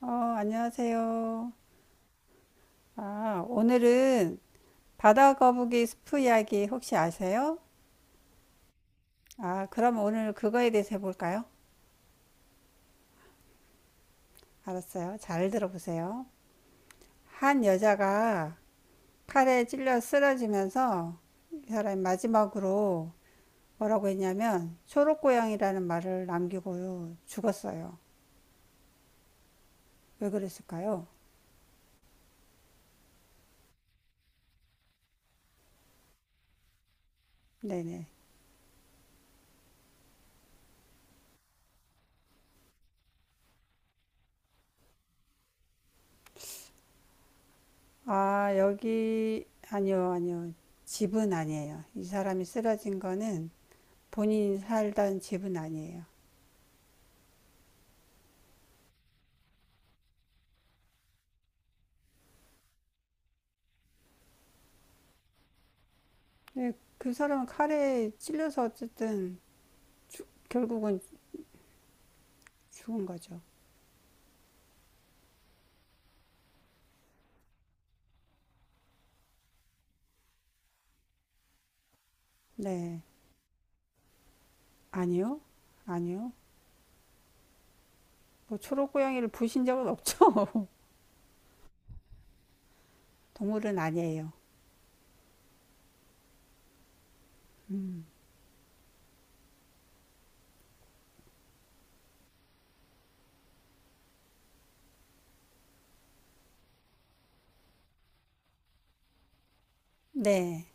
어, 안녕하세요. 아, 오늘은 바다 거북이 스프 이야기 혹시 아세요? 아, 그럼 오늘 그거에 대해서 해볼까요? 알았어요. 잘 들어보세요. 한 여자가 칼에 찔려 쓰러지면서 이 사람이 마지막으로 뭐라고 했냐면 초록고양이라는 말을 남기고 죽었어요. 왜 그랬을까요? 네네. 아, 여기, 아니요, 아니요. 집은 아니에요. 이 사람이 쓰러진 거는 본인이 살던 집은 아니에요. 근데 그 사람은 칼에 찔려서 어쨌든 주, 결국은 죽은 거죠. 네. 아니요. 아니요. 뭐 초록 고양이를 부신 적은 없죠. 동물은 아니에요. 네.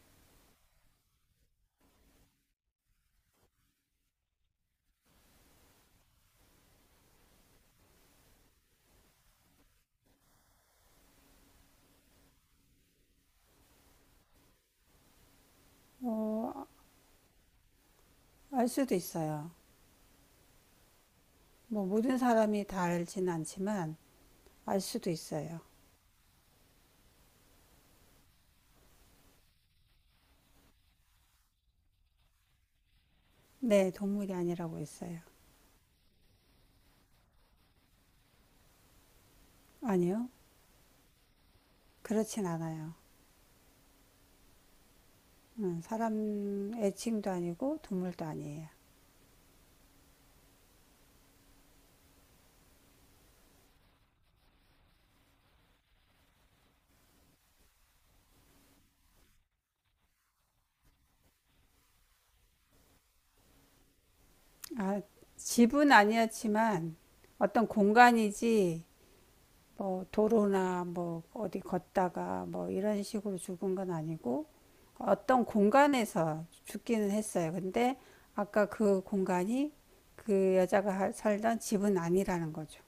어, 알 수도 있어요. 뭐 모든 사람이 다 알진 않지만 알 수도 있어요. 네, 동물이 아니라고 했어요. 아니요. 그렇진 않아요. 사람 애칭도 아니고 동물도 아니에요. 아, 집은 아니었지만 어떤 공간이지 뭐 도로나 뭐 어디 걷다가 뭐 이런 식으로 죽은 건 아니고 어떤 공간에서 죽기는 했어요. 근데 아까 그 공간이 그 여자가 살던 집은 아니라는 거죠.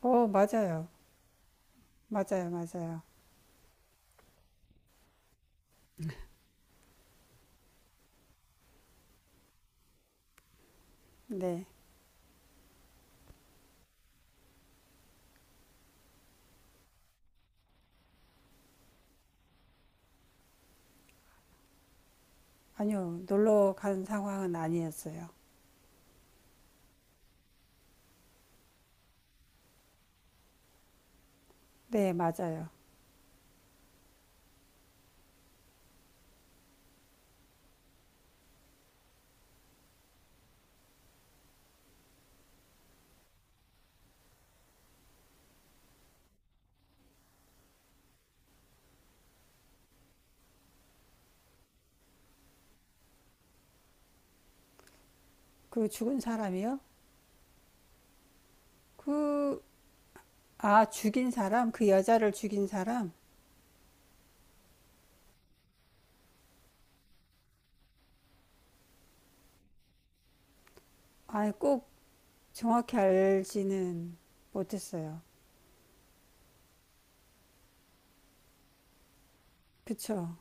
어, 맞아요. 맞아요. 맞아요. 네. 아니요. 놀러 간 상황은 아니었어요. 네, 맞아요. 그 죽은 사람이요? 그, 아, 죽인 사람? 그 여자를 죽인 사람? 아예 꼭 정확히 알지는 못했어요. 그쵸.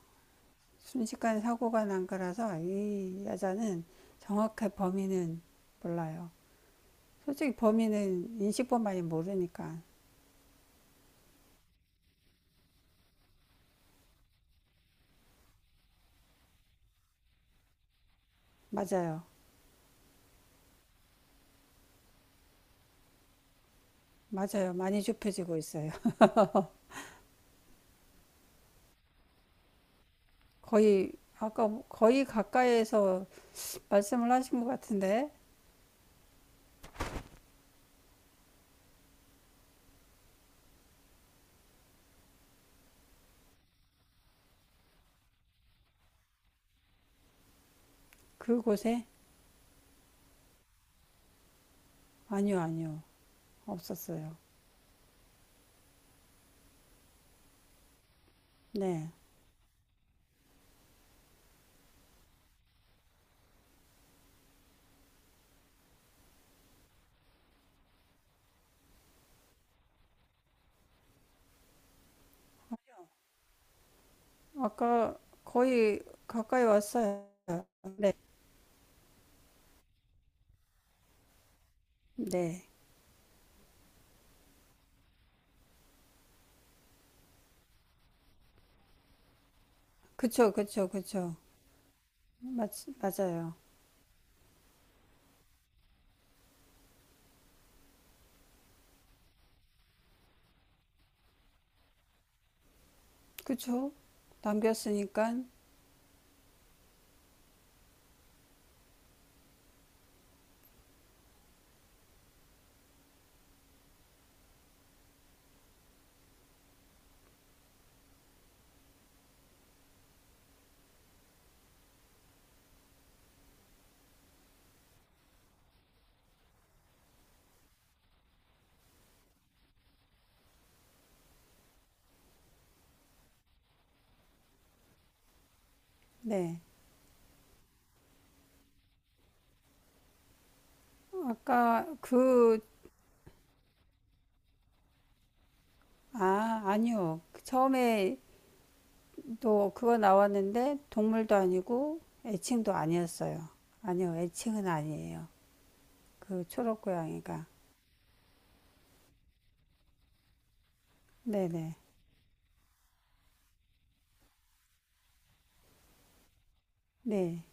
순식간에 사고가 난 거라서 이 여자는 정확한 범인은 몰라요. 솔직히 범인은 인식법만이 모르니까. 맞아요. 많이 좁혀지고 있어요. 거의, 아까 거의 가까이에서 말씀을 하신 것 같은데, 그곳에? 아니요, 아니요. 없었어요. 네. 아까 거의 가까이 왔어요. 네. 그쵸, 그쵸, 그쵸. 맞, 맞아요. 그쵸? 남겼으니까, 네. 아까 그, 아, 아니요. 처음에 또 그거 나왔는데, 동물도 아니고, 애칭도 아니었어요. 아니요, 애칭은 아니에요. 그 초록고양이가. 네네. 네.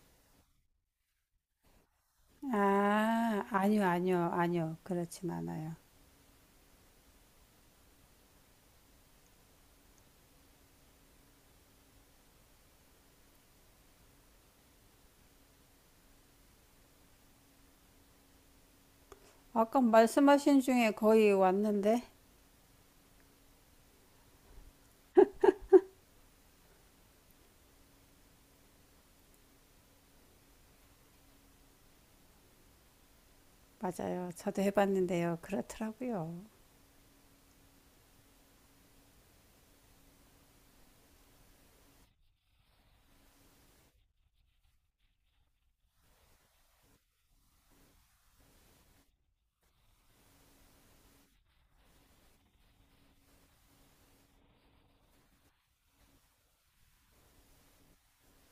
아, 아니요. 그렇진 않아요. 아까 말씀하신 중에 거의 왔는데, 맞아요. 저도 해봤는데요. 그렇더라고요.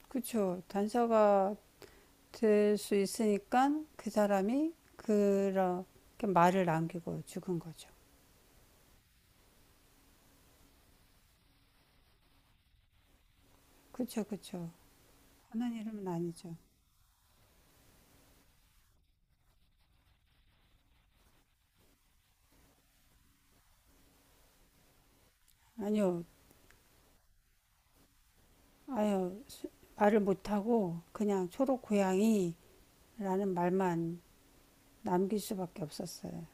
그쵸. 단서가 될 수 있으니까 그 사람이 그렇게 말을 남기고 죽은 거죠. 그쵸, 그쵸. 하는 이름은 아니죠. 아니요, 아유, 말을 못하고 그냥 초록 고양이라는 말만 남길 수밖에 없었어요.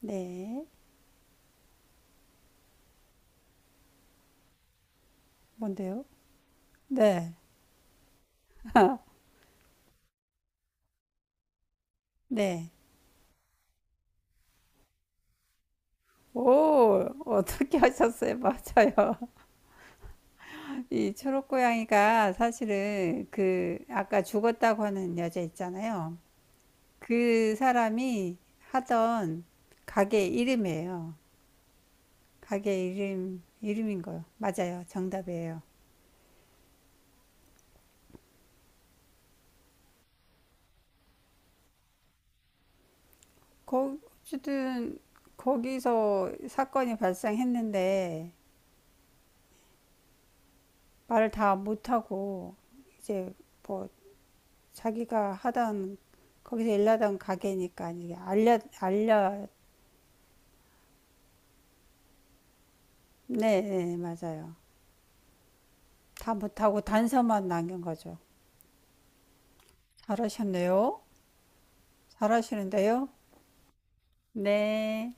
네. 뭔데요? 네. 네. 오, 어떻게 하셨어요? 맞아요. 이 초록 고양이가 사실은 그 아까 죽었다고 하는 여자 있잖아요. 그 사람이 하던 가게 이름이에요. 가게 이름, 이름인 거요. 맞아요. 정답이에요. 거, 어쨌든, 거기서 사건이 발생했는데, 말을 다 못하고, 이제 뭐, 자기가 하던, 거기서 일하던 가게니까, 이게 알려, 네, 네, 맞아요. 다 못하고 단서만 남긴 거죠. 잘하셨네요. 잘하시는데요. 네.